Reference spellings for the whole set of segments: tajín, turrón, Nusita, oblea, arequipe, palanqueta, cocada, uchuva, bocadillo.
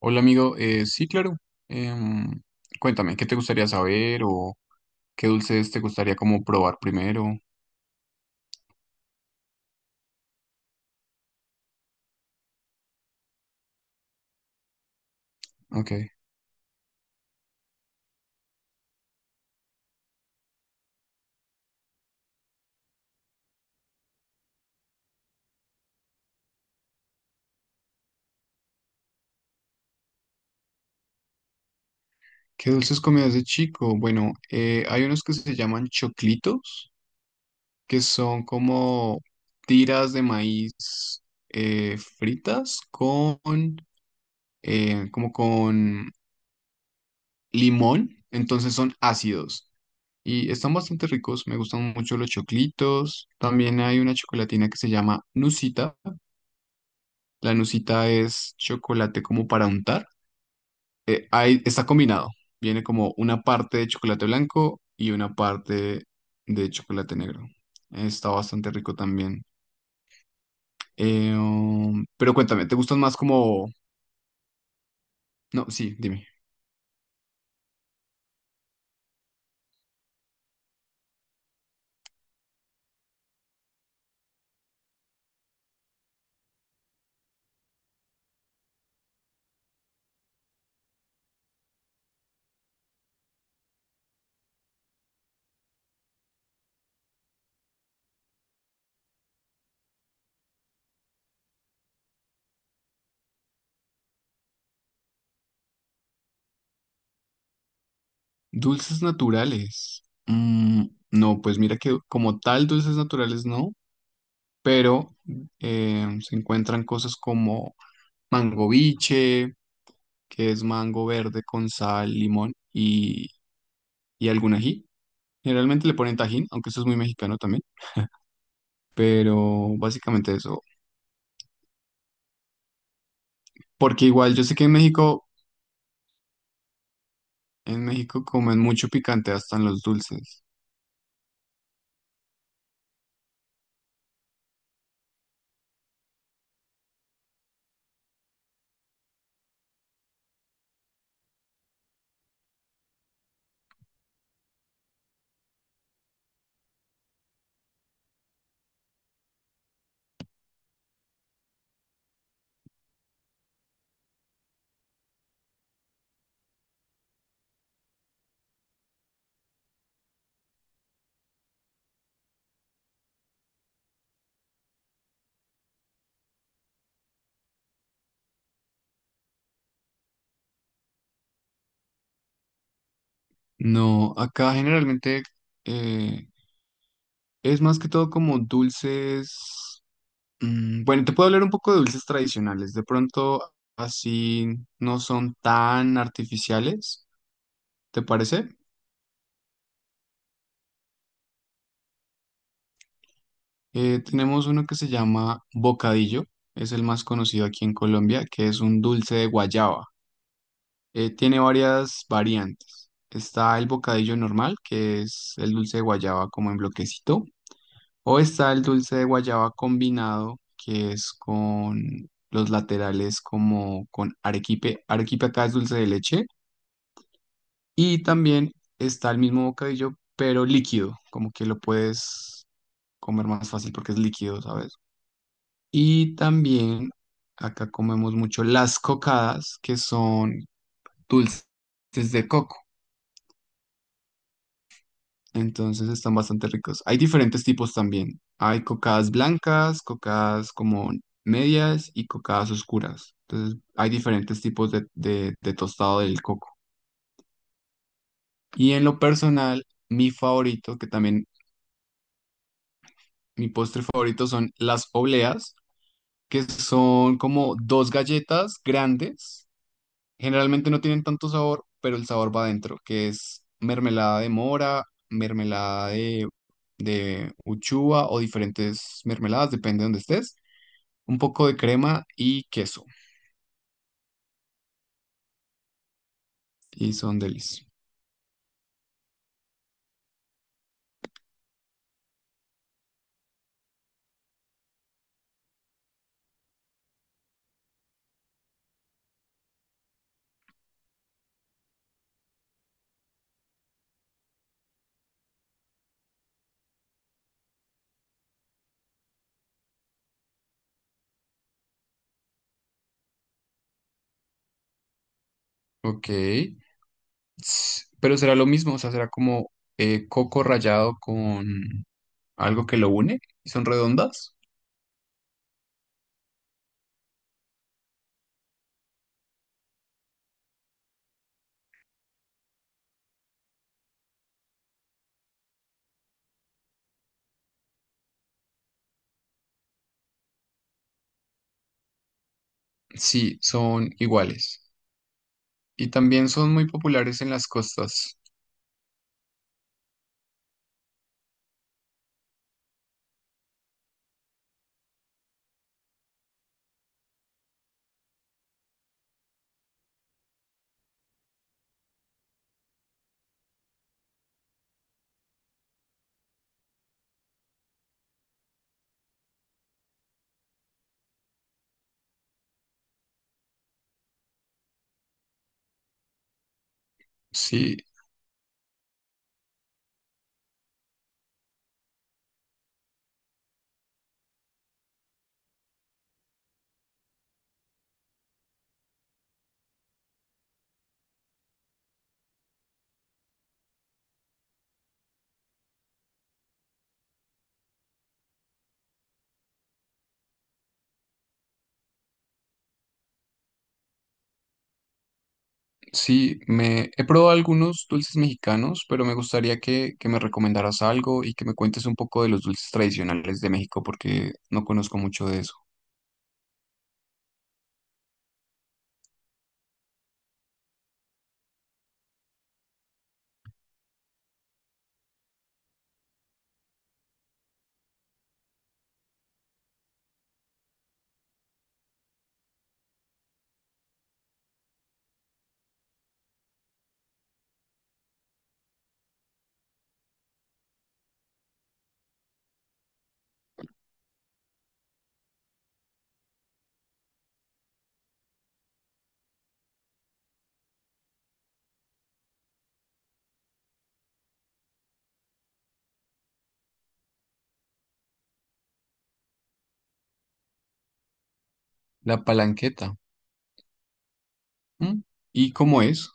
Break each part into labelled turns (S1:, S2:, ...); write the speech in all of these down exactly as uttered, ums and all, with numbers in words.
S1: Hola, amigo. Eh, sí, claro. Em, Cuéntame, ¿qué te gustaría saber o qué dulces te gustaría como probar primero? Ok. ¿Qué dulces comías de chico? Bueno, eh, hay unos que se llaman choclitos, que son como tiras de maíz, eh, fritas con, eh, como con limón, entonces son ácidos. Y están bastante ricos, me gustan mucho los choclitos. También hay una chocolatina que se llama Nusita. La nucita es chocolate como para untar. Eh, ahí está combinado. Viene como una parte de chocolate blanco y una parte de chocolate negro. Está bastante rico también. Eh, um, pero cuéntame, ¿te gustan más como... No, sí, dime. Dulces naturales. Mm, no, pues mira que como tal dulces naturales no, pero eh, se encuentran cosas como mango biche, que es mango verde con sal, limón y, y algún ají. Generalmente le ponen tajín, aunque eso es muy mexicano también, pero básicamente eso. Porque igual yo sé que en México, en México comen mucho picante hasta en los dulces. No, acá generalmente, eh, es más que todo como dulces. Mm, bueno, te puedo hablar un poco de dulces tradicionales. De pronto así no son tan artificiales, ¿te parece? Eh, tenemos uno que se llama bocadillo, es el más conocido aquí en Colombia, que es un dulce de guayaba. Eh, tiene varias variantes. Está el bocadillo normal, que es el dulce de guayaba como en bloquecito, o está el dulce de guayaba combinado, que es con los laterales como con arequipe. Arequipe acá es dulce de leche. Y también está el mismo bocadillo, pero líquido, como que lo puedes comer más fácil porque es líquido, ¿sabes? Y también acá comemos mucho las cocadas, que son dulces de coco. Entonces están bastante ricos. Hay diferentes tipos también. Hay cocadas blancas, cocadas como medias y cocadas oscuras. Entonces hay diferentes tipos de, de- de tostado del coco. Y en lo personal, mi favorito, que también mi postre favorito son las obleas, que son como dos galletas grandes. Generalmente no tienen tanto sabor, pero el sabor va adentro, que es mermelada de mora, mermelada de, de uchuva o diferentes mermeladas, depende de donde estés. Un poco de crema y queso. Y son delis. Ok. S- Pero será lo mismo, o sea, será como eh, coco rallado con algo que lo une. ¿Y son redondas? Sí, son iguales. Y también son muy populares en las costas. Sí, sí, me he probado algunos dulces mexicanos, pero me gustaría que, que me recomendaras algo y que me cuentes un poco de los dulces tradicionales de México, porque no conozco mucho de eso. La palanqueta. ¿M? ¿Y cómo es?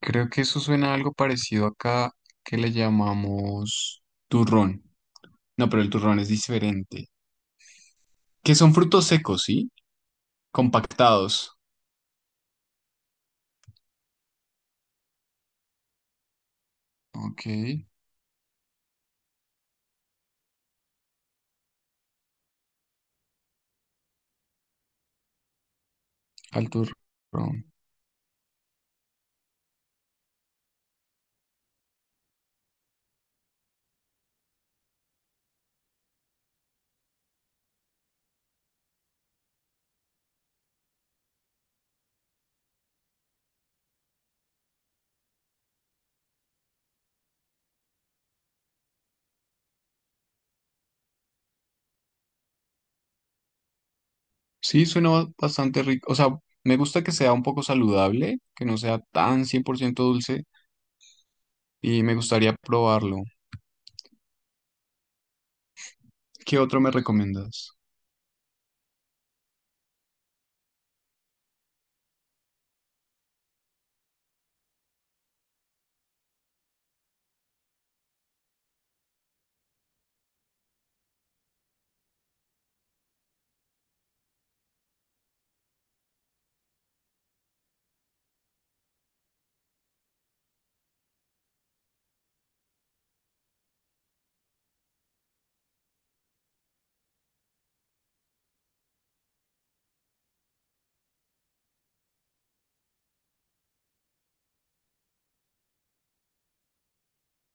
S1: Creo que eso suena a algo parecido acá que le llamamos turrón. No, pero el turrón es diferente. Que son frutos secos, ¿sí? Compactados. Ok, al turrón. Sí, suena ba- bastante rico. O sea, me gusta que sea un poco saludable, que no sea tan cien por ciento dulce y me gustaría probarlo. ¿Qué otro me recomiendas?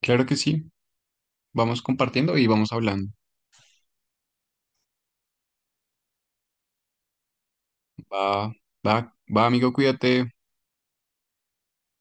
S1: Claro que sí. Vamos compartiendo y vamos hablando. Va, va, va, amigo, cuídate.